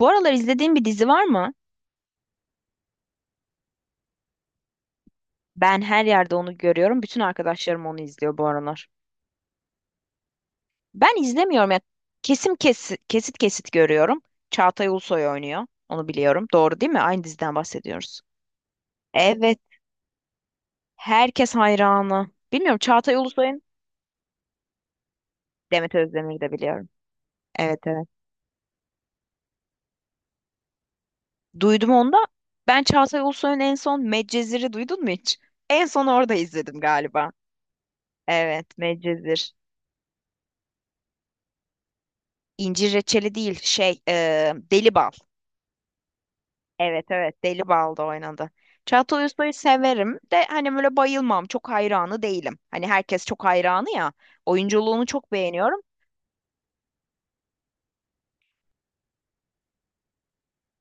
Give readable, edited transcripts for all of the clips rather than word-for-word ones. Bu aralar izlediğin bir dizi var mı? Ben her yerde onu görüyorum. Bütün arkadaşlarım onu izliyor bu aralar. Ben izlemiyorum ya. Kesim kesit kesit kesit görüyorum. Çağatay Ulusoy oynuyor. Onu biliyorum. Doğru değil mi? Aynı diziden bahsediyoruz. Evet. Herkes hayranı. Bilmiyorum Çağatay Ulusoy'un Demet Özdemir'i de biliyorum. Evet evet. Duydum onu da. Ben Çağatay Ulusoy'un en son Medcezir'i duydun mu hiç? En son orada izledim galiba. Evet, Medcezir. İncir reçeli değil, şey, deli bal. Evet evet Deli Bal'da oynadı. Çağatay Ulusoy'u severim de hani böyle bayılmam. Çok hayranı değilim. Hani herkes çok hayranı ya. Oyunculuğunu çok beğeniyorum.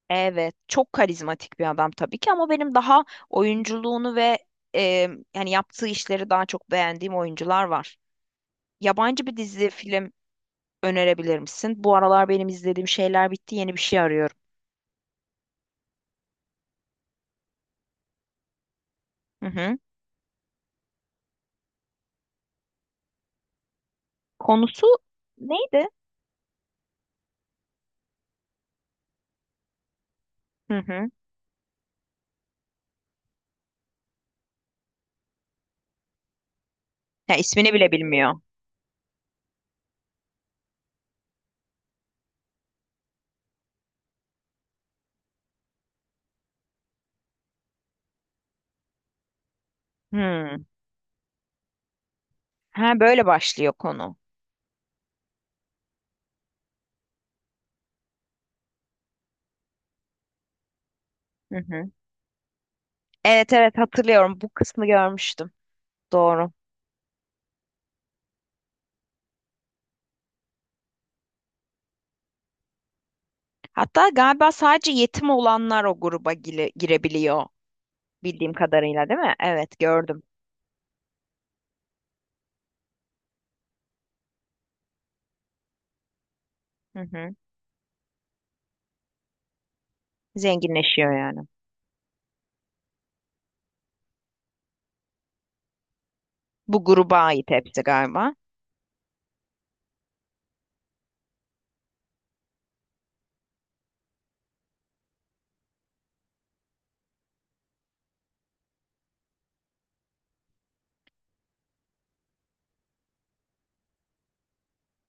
Evet çok karizmatik bir adam tabii ki ama benim daha oyunculuğunu ve e, yani yaptığı işleri daha çok beğendiğim oyuncular var. Yabancı bir dizi film önerebilir misin? Bu aralar benim izlediğim şeyler bitti. Yeni bir şey arıyorum. Hı hı. Konusu neydi? Hı hı. Ya ismini bile bilmiyor. Hı. Ha böyle başlıyor konu. Hı hı. Evet evet hatırlıyorum. Bu kısmı görmüştüm. Doğru. Hatta galiba sadece yetim olanlar o gruba girebiliyor bildiğim kadarıyla değil mi? Evet gördüm. Hı hı. Zenginleşiyor yani. Bu gruba ait hepsi galiba.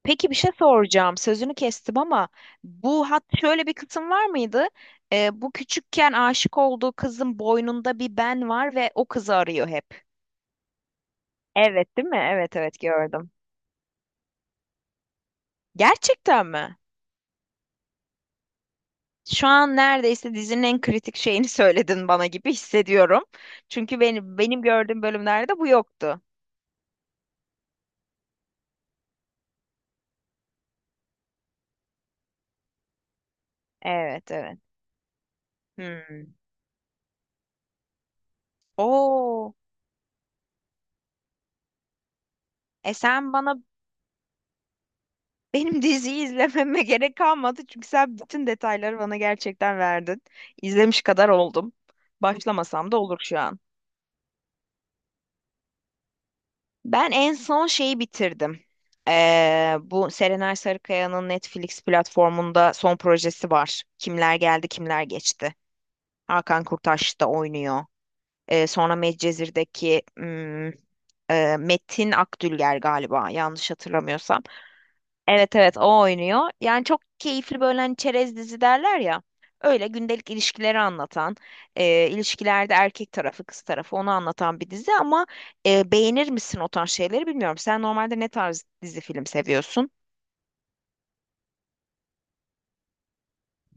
Peki bir şey soracağım. Sözünü kestim ama bu hat şöyle bir kısım var mıydı? Bu küçükken aşık olduğu kızın boynunda bir ben var ve o kızı arıyor hep. Evet değil mi? Evet evet gördüm. Gerçekten mi? Şu an neredeyse dizinin en kritik şeyini söyledin bana gibi hissediyorum. Çünkü benim gördüğüm bölümlerde bu yoktu. Evet, evet. Hmm. Oo. Sen bana benim diziyi izlememe gerek kalmadı çünkü sen bütün detayları bana gerçekten verdin. İzlemiş kadar oldum. Başlamasam da olur şu an. Ben en son şeyi bitirdim. Bu Serenay Sarıkaya'nın Netflix platformunda son projesi var. Kimler geldi, kimler geçti. Hakan Kurtaş da oynuyor. Sonra Medcezir'deki Metin Akdülger galiba yanlış hatırlamıyorsam. Evet evet o oynuyor. Yani çok keyifli böyle hani çerez dizi derler ya. Öyle gündelik ilişkileri anlatan, ilişkilerde erkek tarafı kız tarafı onu anlatan bir dizi ama beğenir misin o tarz şeyleri bilmiyorum. Sen normalde ne tarz dizi film seviyorsun?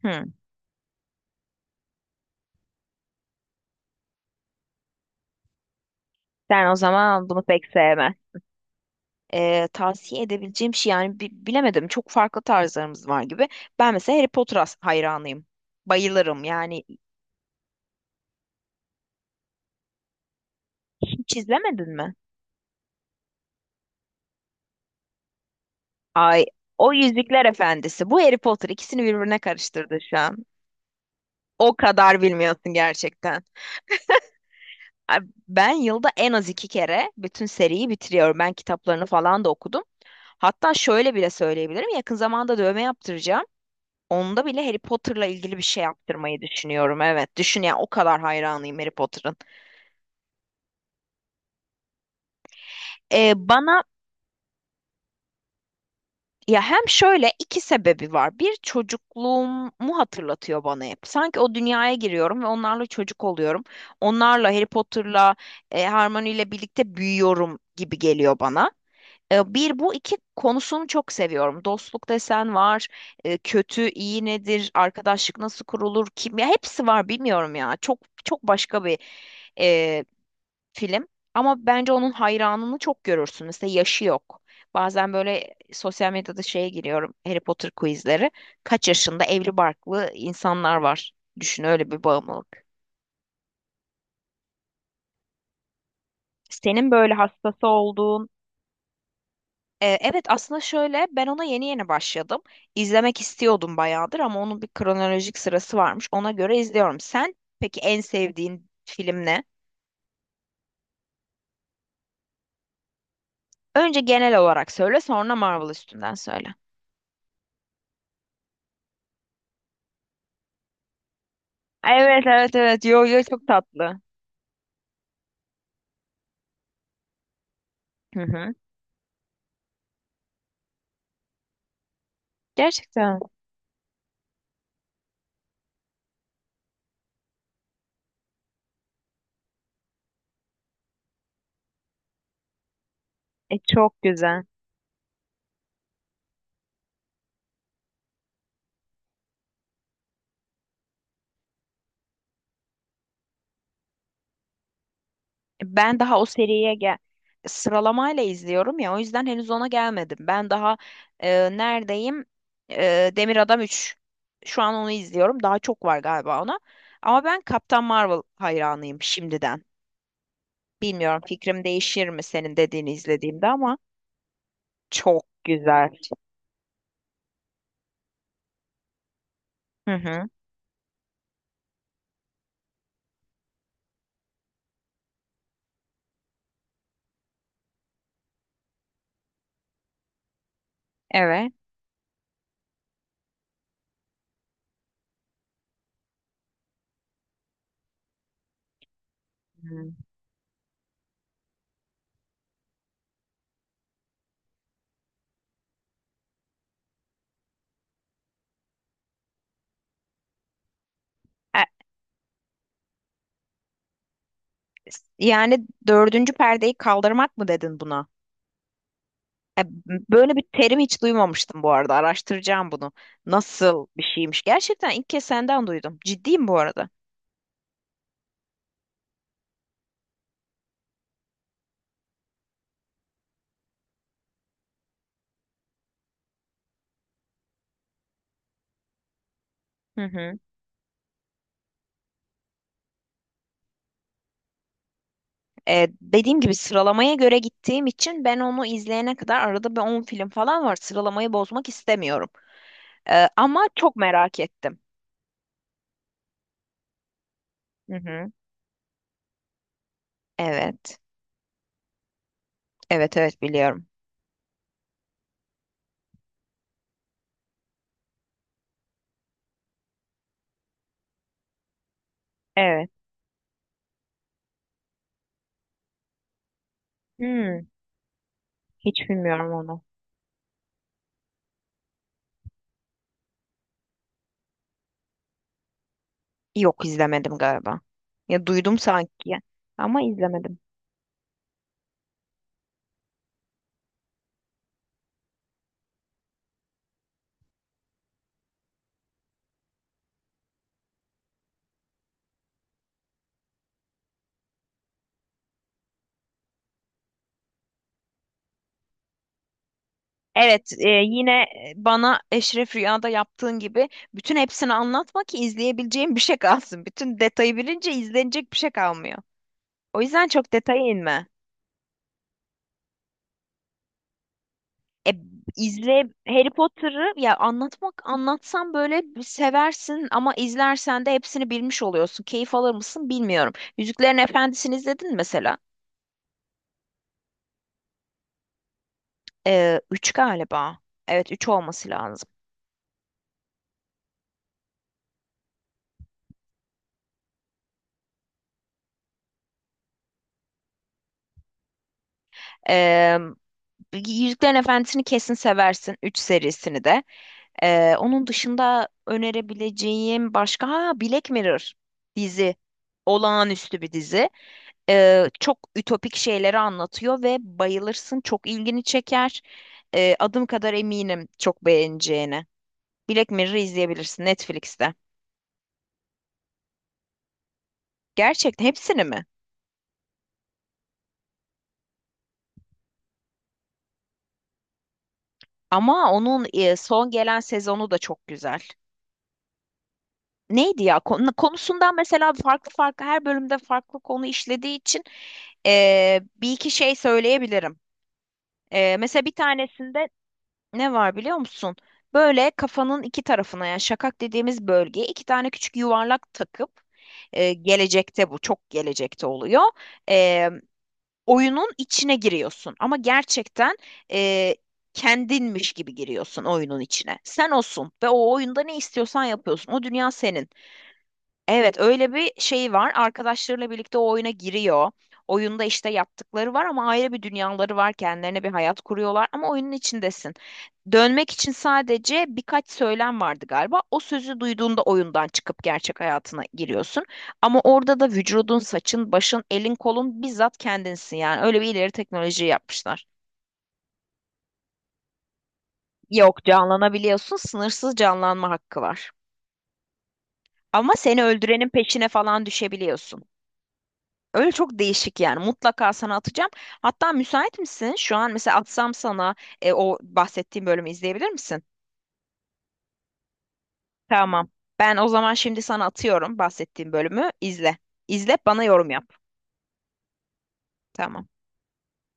Hmm. Sen o zaman bunu pek sevme. Tavsiye edebileceğim şey yani bilemedim. Çok farklı tarzlarımız var gibi. Ben mesela Harry Potter as hayranıyım. Bayılırım yani. Hiç izlemedin mi? Ay, o Yüzükler Efendisi. Bu Harry Potter, ikisini birbirine karıştırdı şu an. O kadar bilmiyorsun gerçekten. Ay, ben yılda en az 2 kere bütün seriyi bitiriyorum. Ben kitaplarını falan da okudum. Hatta şöyle bile söyleyebilirim. Yakın zamanda dövme yaptıracağım. Onda bile Harry Potter'la ilgili bir şey yaptırmayı düşünüyorum. Evet, düşün ya, o kadar hayranıyım Harry Potter'ın. Bana ya, hem şöyle iki sebebi var. Bir, çocukluğumu hatırlatıyor bana hep. Sanki o dünyaya giriyorum ve onlarla çocuk oluyorum. Onlarla Harry Potter'la Hermione ile birlikte büyüyorum gibi geliyor bana. Bir bu iki konusunu çok seviyorum. Dostluk desen var, kötü iyi nedir, arkadaşlık nasıl kurulur, kim, ya hepsi var bilmiyorum ya. Çok çok başka bir film. Ama bence onun hayranını çok görürsün. Mesela yaşı yok. Bazen böyle sosyal medyada şeye giriyorum. Harry Potter quizleri. Kaç yaşında evli barklı insanlar var. Düşün, öyle bir bağımlılık. Senin böyle hastası olduğun... Evet aslında şöyle, ben ona yeni yeni başladım. İzlemek istiyordum bayağıdır ama onun bir kronolojik sırası varmış. Ona göre izliyorum. Sen peki en sevdiğin film ne? Önce genel olarak söyle, sonra Marvel üstünden söyle. Evet evet evet. Yo yo, çok tatlı. Hı hı. Gerçekten çok güzel. Ben daha o seriye sıralamayla izliyorum ya, o yüzden henüz ona gelmedim. Ben daha neredeyim? E, Demir Adam 3. Şu an onu izliyorum. Daha çok var galiba ona. Ama ben Kaptan Marvel hayranıyım şimdiden. Bilmiyorum fikrim değişir mi senin dediğini izlediğimde ama çok güzel. Hı hı. Evet. Hı. E, yani dördüncü perdeyi kaldırmak mı dedin buna? E, Böyle bir terim hiç duymamıştım bu arada. Araştıracağım bunu. Nasıl bir şeymiş? Gerçekten ilk kez senden duydum. Ciddiyim bu arada. Hı hı. Dediğim gibi sıralamaya göre gittiğim için ben onu izleyene kadar arada bir 10 film falan var. Sıralamayı bozmak istemiyorum. Ama çok merak ettim. Hı hı. Evet. Evet evet biliyorum. Evet. Hmm, hiç bilmiyorum onu. Yok izlemedim galiba. Ya duydum sanki ama izlemedim. Evet, yine bana Eşref Rüya'da yaptığın gibi bütün hepsini anlatma ki izleyebileceğim bir şey kalsın. Bütün detayı bilince izlenecek bir şey kalmıyor. O yüzden çok detaya inme. E, izle Harry Potter'ı ya, anlatmak anlatsam böyle bir seversin ama izlersen de hepsini bilmiş oluyorsun. Keyif alır mısın bilmiyorum. Yüzüklerin Efendisi'ni izledin mi mesela? Üç galiba. Evet üç olması lazım. Ee, Yüzüklerin Efendisi'ni kesin seversin. 3 serisini de. Onun dışında önerebileceğim başka, ha, Black Mirror dizi. Olağanüstü bir dizi. Çok ütopik şeyleri anlatıyor ve bayılırsın. Çok ilgini çeker. Adım kadar eminim çok beğeneceğine. Black Mirror'ı izleyebilirsin Netflix'te. Gerçekten hepsini mi? Ama onun son gelen sezonu da çok güzel. Neydi ya konusundan mesela, farklı farklı her bölümde farklı konu işlediği için bir iki şey söyleyebilirim. Mesela bir tanesinde ne var biliyor musun? Böyle kafanın iki tarafına yani şakak dediğimiz bölgeye iki tane küçük yuvarlak takıp gelecekte, bu çok gelecekte oluyor. Eee, oyunun içine giriyorsun ama gerçekten eee, kendinmiş gibi giriyorsun oyunun içine. Sen olsun ve o oyunda ne istiyorsan yapıyorsun. O dünya senin. Evet, öyle bir şey var. Arkadaşlarıyla birlikte o oyuna giriyor. Oyunda işte yaptıkları var ama ayrı bir dünyaları var. Kendilerine bir hayat kuruyorlar ama oyunun içindesin. Dönmek için sadece birkaç söylem vardı galiba. O sözü duyduğunda oyundan çıkıp gerçek hayatına giriyorsun. Ama orada da vücudun, saçın, başın, elin, kolun bizzat kendinsin. Yani öyle bir ileri teknoloji yapmışlar. Yok, canlanabiliyorsun. Sınırsız canlanma hakkı var. Ama seni öldürenin peşine falan düşebiliyorsun. Öyle çok değişik yani. Mutlaka sana atacağım. Hatta müsait misin? Şu an mesela atsam sana o bahsettiğim bölümü izleyebilir misin? Tamam. Ben o zaman şimdi sana atıyorum bahsettiğim bölümü. İzle. İzle bana yorum yap. Tamam.